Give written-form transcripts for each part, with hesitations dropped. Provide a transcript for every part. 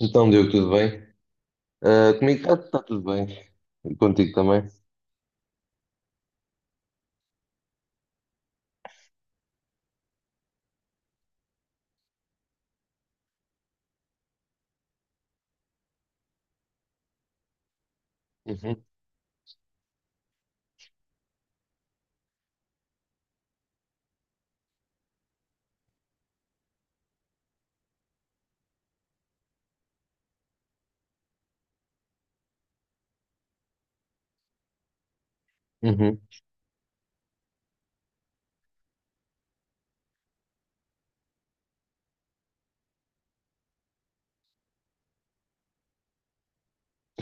Então, Diogo, tudo bem? Ah, comigo está tudo bem. E contigo também? Uhum. Uhum.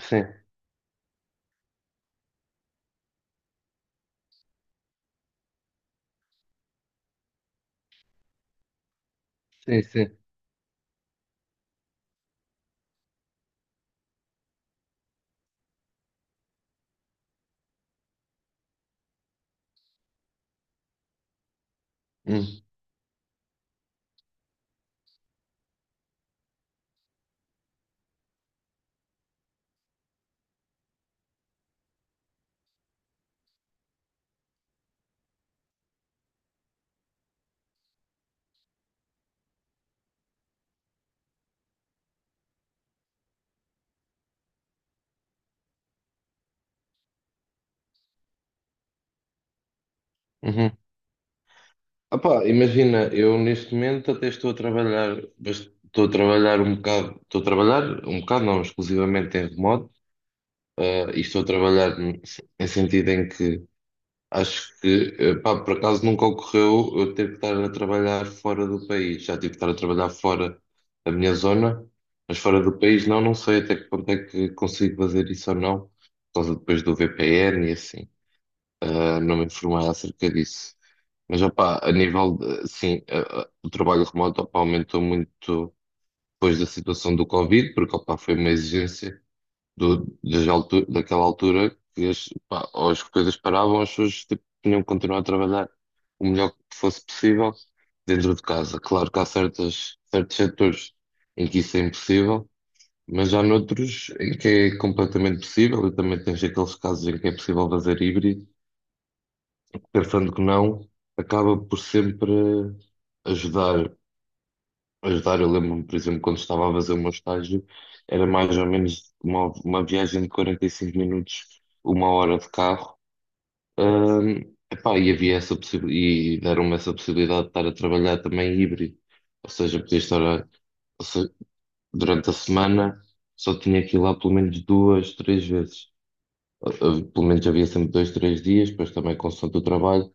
Sim, sim, sim. Hum. Uhum. Ah pá, imagina, eu neste momento até estou a trabalhar, estou a trabalhar um bocado, não, exclusivamente em remoto. Ah, e estou a trabalhar em sentido em que acho que, pá, por acaso nunca ocorreu eu ter que estar a trabalhar fora do país. Já tive que estar a trabalhar fora da minha zona, mas fora do país não, não sei até que ponto é que consigo fazer isso ou não, por causa depois do VPN e assim. Ah, não me informei acerca disso. Mas, opá, a nível de, sim, o trabalho remoto, opá, aumentou muito depois da situação do Covid, porque, opá, foi uma exigência daquela altura que pá, ou as coisas paravam, as pessoas tipo, tinham que continuar a trabalhar o melhor que fosse possível dentro de casa. Claro que há certas, certos setores em que isso é impossível, mas há noutros em que é completamente possível e também tens aqueles casos em que é possível fazer híbrido, pensando que não, acaba por sempre ajudar ajudar. Eu lembro-me, por exemplo, quando estava a fazer o meu estágio, era mais ou menos uma viagem de 45 minutos, uma hora de carro. Epá, e havia essa possibilidade, e deram-me essa possibilidade de estar a trabalhar também híbrido. Ou seja, ou se- durante a semana, só tinha que ir lá pelo menos duas, três vezes. Pelo menos havia sempre dois, três dias, depois também consoante o trabalho,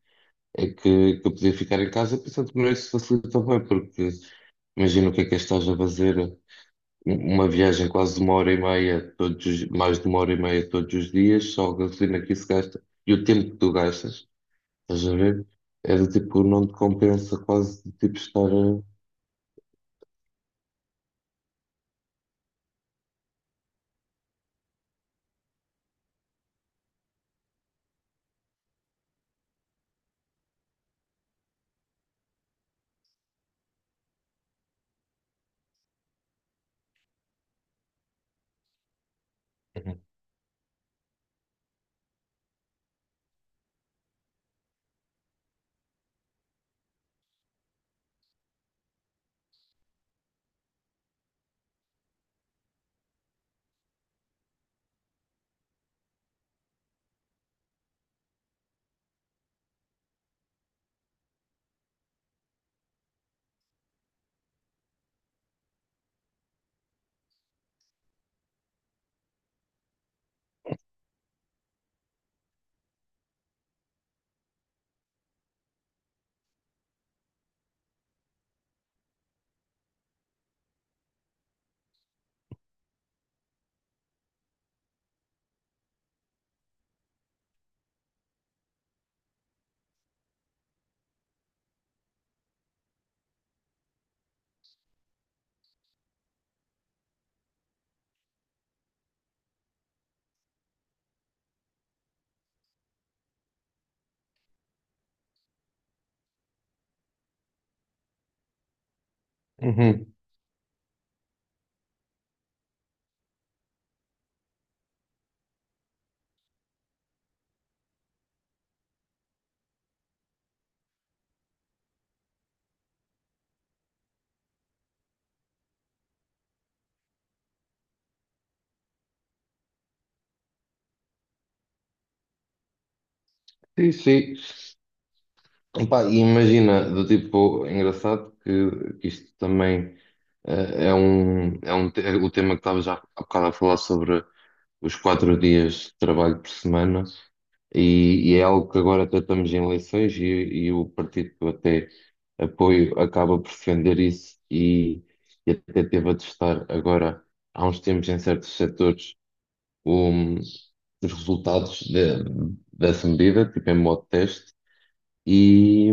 é que eu podia ficar em casa, pensando que não isso facilita bem, porque imagina o que é que estás a fazer uma viagem quase de uma hora e meia, mais de uma hora e meia todos os dias, só a gasolina que isso gasta e o tempo que tu gastas, estás a ver? É do tipo, não te compensa quase de tipo estar a. Uhum. Uhum. Sim, sim. Epá, e imagina, do tipo, é engraçado que isto também é o tema que estavas há bocado a falar sobre os 4 dias de trabalho por semana. E é algo que agora tratamos em eleições e o partido que eu até apoio acaba por defender isso e até teve a testar agora, há uns tempos, em certos setores, os resultados dessa medida, tipo em modo teste, e,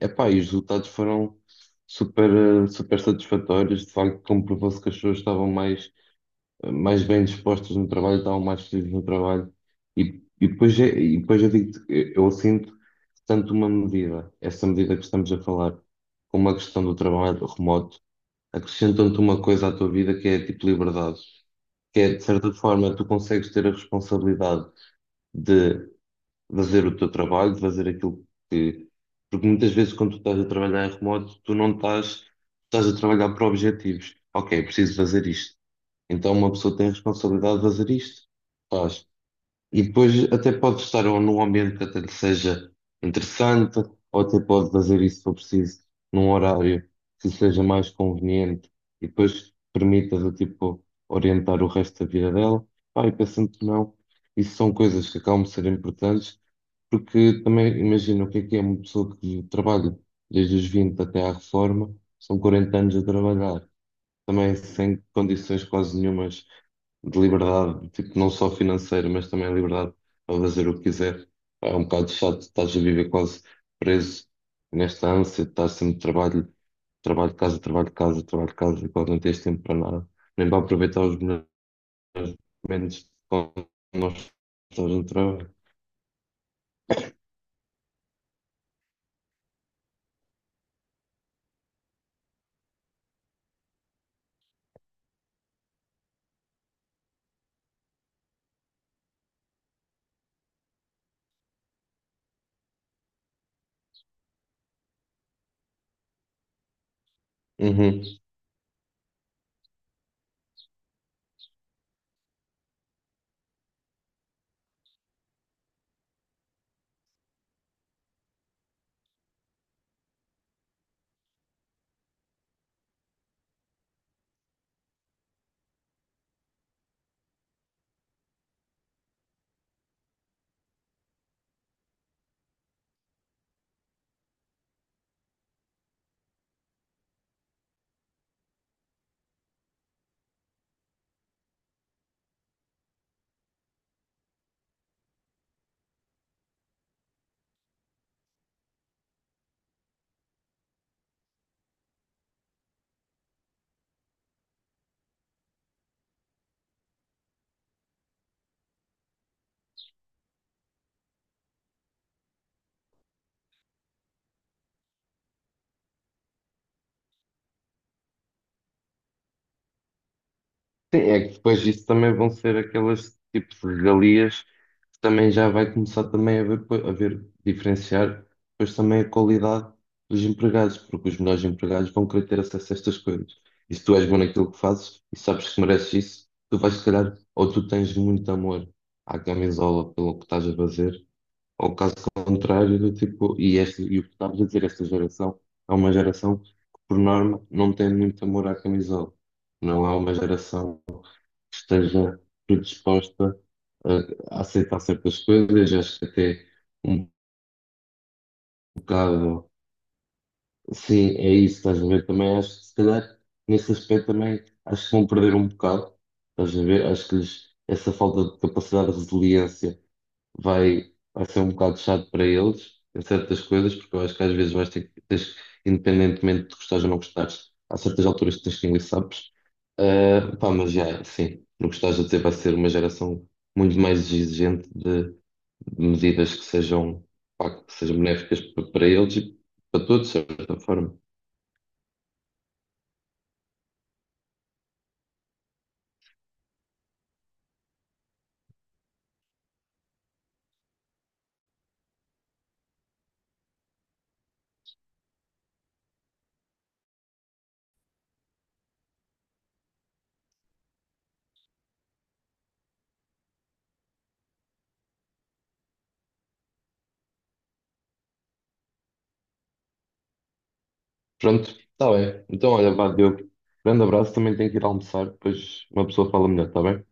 epá, e os resultados foram super, super satisfatórios, de facto comprovou-se que as pessoas estavam mais bem dispostas no trabalho, estavam mais felizes no trabalho. E depois eu digo, eu sinto que tanto uma medida, essa medida que estamos a falar, como a questão do trabalho remoto, acrescentam-te uma coisa à tua vida que é tipo liberdade, que é de certa forma tu consegues ter a responsabilidade de fazer o teu trabalho, de fazer aquilo que. Porque muitas vezes quando tu estás a trabalhar em remoto, tu não estás, estás a trabalhar para objetivos. Ok, preciso fazer isto então uma pessoa tem a responsabilidade de fazer isto. Faz. E depois até pode estar ou num ambiente que até lhe seja interessante, ou até pode fazer isso se for preciso, num horário que seja mais conveniente e depois permita do tipo orientar o resto da vida dela. Pá, e pensando que não, isso são coisas que acabam de ser importantes, porque também imagina o que é uma pessoa que trabalha desde os 20 até à reforma, são 40 anos a trabalhar também sem condições quase nenhumas de liberdade, tipo, não só financeira, mas também a liberdade para fazer o que quiser. É um bocado chato, estás a viver quase preso nesta ânsia, de estar sempre de trabalho, trabalho de casa, trabalho de casa, trabalho de casa, e quase não tens tempo para nada, nem para aproveitar os melhores momentos quando nós estamos no trabalho. Uhum. Sim, é que depois disso também vão ser aquelas tipos de regalias que também já vai começar também a ver, diferenciar depois também a qualidade dos empregados, porque os melhores empregados vão querer ter acesso a estas coisas. E se tu és bom naquilo que fazes e sabes que mereces isso, tu vais, se calhar, ou tu tens muito amor à camisola pelo que estás a fazer, ou caso contrário, do tipo, e o que estavas a dizer, esta geração é uma geração que, por norma, não tem muito amor à camisola. Não é uma geração esteja predisposta a aceitar certas coisas. Acho que até um bocado, sim, é isso, estás a ver? Também acho que se calhar nesse aspecto também acho que vão perder um bocado, estás a ver? Acho que lhes, essa falta de capacidade de resiliência vai ser um bocado chato para eles em certas coisas, porque eu acho que às vezes vais ter que, tens, independentemente de gostares ou não gostares, há certas alturas que tens que engolir sapos. Ah, pá, mas já, sim, não gostares de dizer, vai ser uma geração muito mais exigente de medidas que sejam, pá, que sejam benéficas para eles e para todos, de certa forma. Pronto, está bem. Então, olha, vá, Diogo. Grande abraço, também tenho que ir almoçar, depois uma pessoa fala melhor, está bem?